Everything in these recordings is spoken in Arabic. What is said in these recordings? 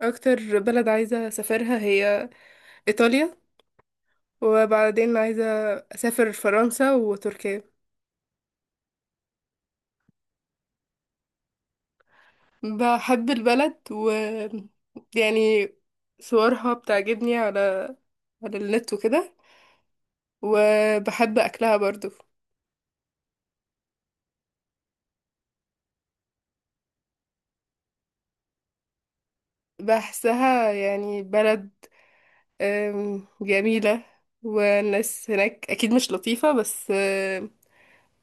اكتر بلد عايزة اسافرها هي ايطاليا. وبعدين عايزة اسافر فرنسا وتركيا. بحب البلد و يعني صورها بتعجبني على على النت وكده، وبحب اكلها برضو. بحسها يعني بلد جميلة، والناس هناك اكيد مش لطيفة، بس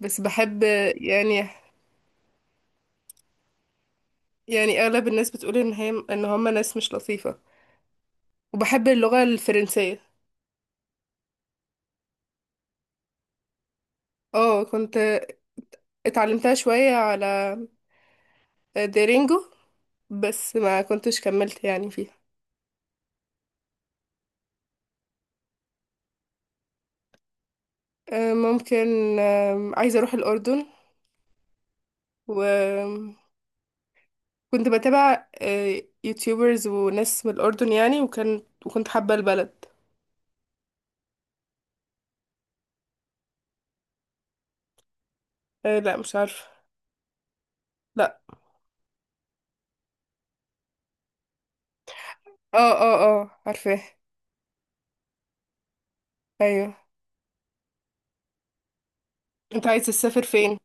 بس بحب. يعني يعني اغلب الناس بتقول ان هي ان هم ناس مش لطيفة. وبحب اللغة الفرنسية. اه، كنت اتعلمتها شوية على ديرينجو، بس ما كنتش كملت يعني فيها. ممكن. عايزة اروح الأردن. وكنت بتابع يوتيوبرز وناس من الأردن يعني، وكنت حابة البلد. آه، لا مش عارفة. لا. اه اه. اه عارفاه. ايوه. انت عايز تسافر فين؟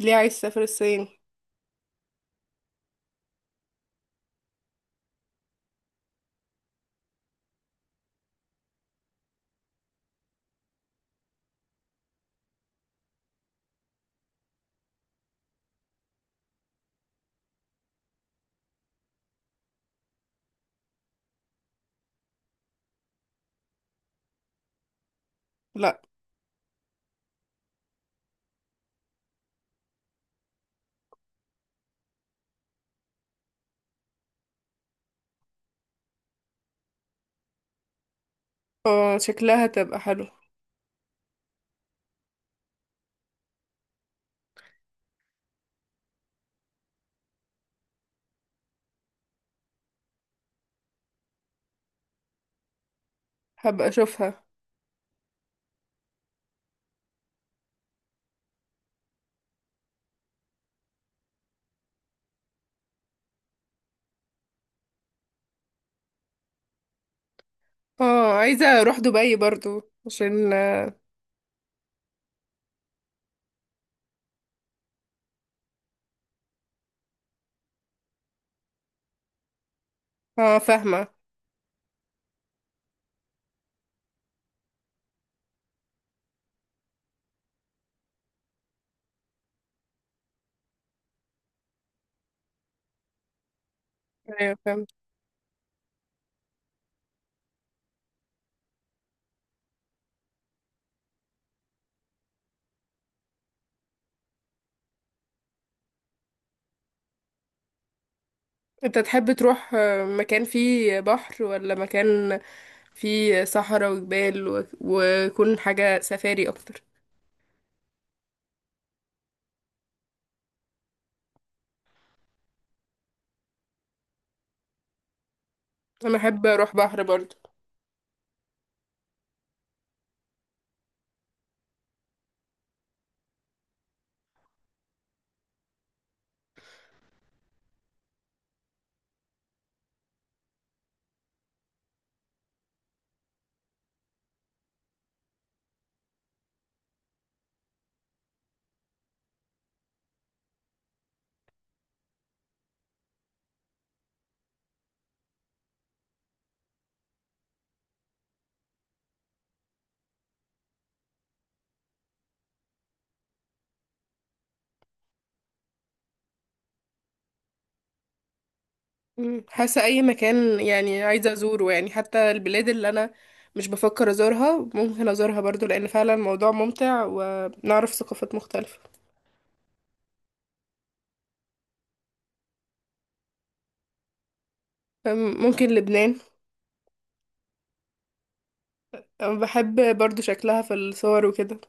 ليه عايز تسافر الصين؟ لا. اه شكلها تبقى حلو. هبقى اشوفها. اه عايزة اروح دبي برضو عشان. اه فاهمة. ايوه فاهم. انت تحب تروح مكان فيه بحر، ولا مكان فيه صحراء وجبال ويكون حاجة سفاري اكتر؟ انا احب اروح بحر برضه. مم. حاسة اي مكان يعني عايزة ازوره، يعني حتى البلاد اللي انا مش بفكر ازورها ممكن ازورها برضه، لان فعلا الموضوع ممتع ونعرف ثقافات مختلفة. ممكن لبنان. بحب برضه شكلها في الصور وكده.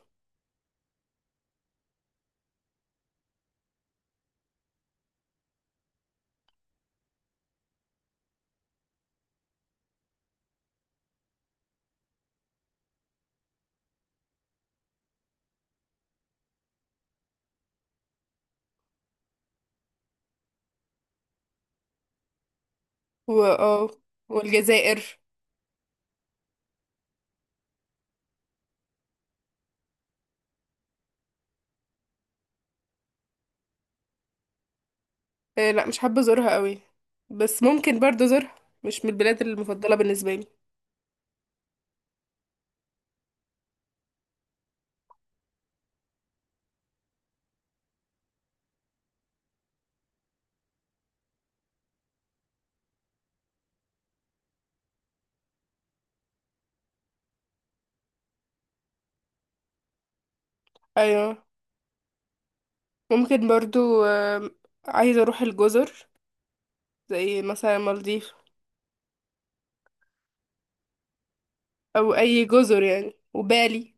واه. والجزائر. آه، لا مش حابة ازورها قوي، بس ممكن برضو ازورها. مش من البلاد المفضلة بالنسبة لي. ايوه. ممكن برضو، عايزة اروح الجزر، زي مثلا مالديف او اي جزر يعني، وبالي.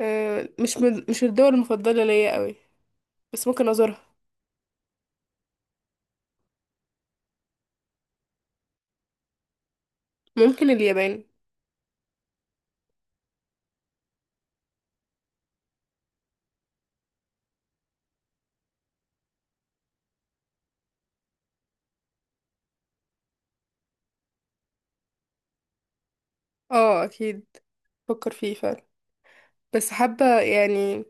آه، مش الدول المفضلة ليا قوي، بس ممكن ازورها. ممكن اليابان. اه اكيد، بفكر فيه فعلا، بس حابة يعني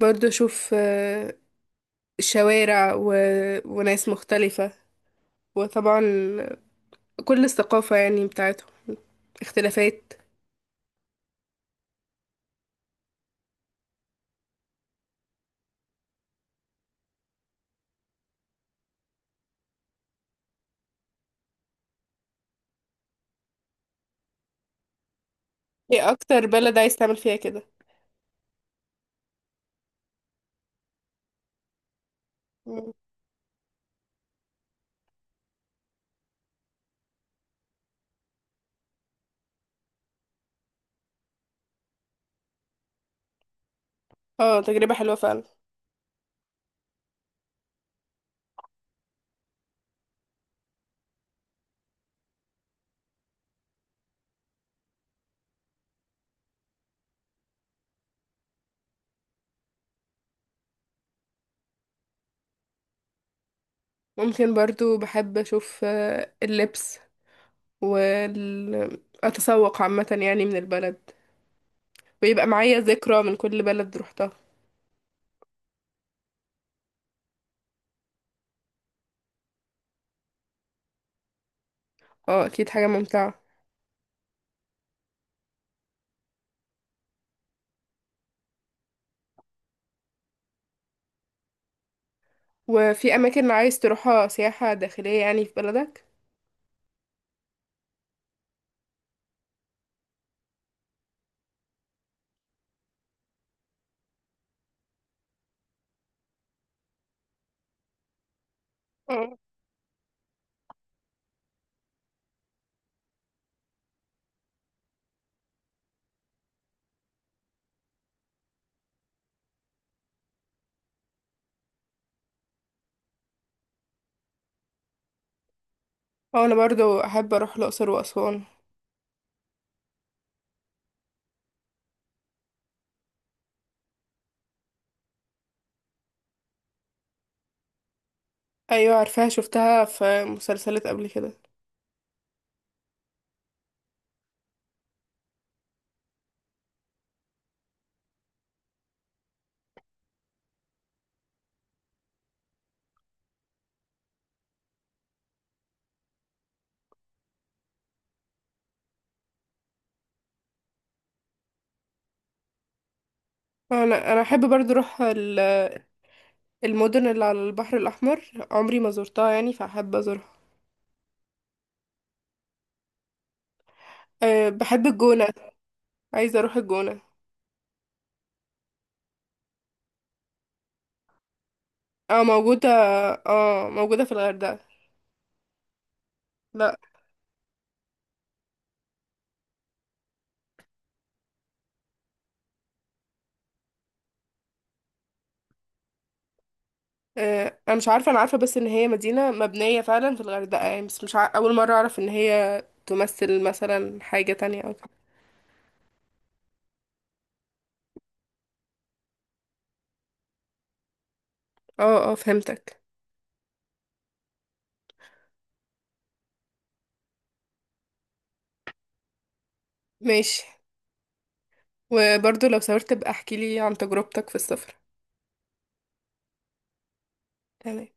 برضو اشوف شوارع وناس مختلفة، وطبعا كل الثقافة يعني بتاعتهم، اختلافات. ايه اكتر بلد عايز تعمل فيها كده؟ مم. اه تجربة حلوة فعلا. ممكن برضو بحب اشوف اللبس والتسوق عامة يعني من البلد، ويبقى معايا ذكرى من كل بلد روحتها. اه اكيد حاجة ممتعة. وفي اماكن عايز تروحها سياحة داخلية يعني في بلدك؟ مم. اه انا برضو احب اروح الاقصر واسوان. ايوه عارفاها، شفتها في مسلسلات قبل كده. انا احب برضو اروح المدن اللي على البحر الأحمر، عمري ما زرتها يعني فأحب أزورها. أه بحب الجونة. عايزة أروح الجونة. اه موجودة. اه موجودة في الغردقة. لا. أه أنا مش عارفة، أنا عارفة بس إن هي مدينة مبنية فعلا في الغردقة يعني، بس مش عارفة، أول مرة أعرف إن هي تمثل مثلا حاجة تانية أو كده. اه اه فهمتك. ماشي. وبرضو لو سافرت بقى احكيلي عن تجربتك في السفر. تمام.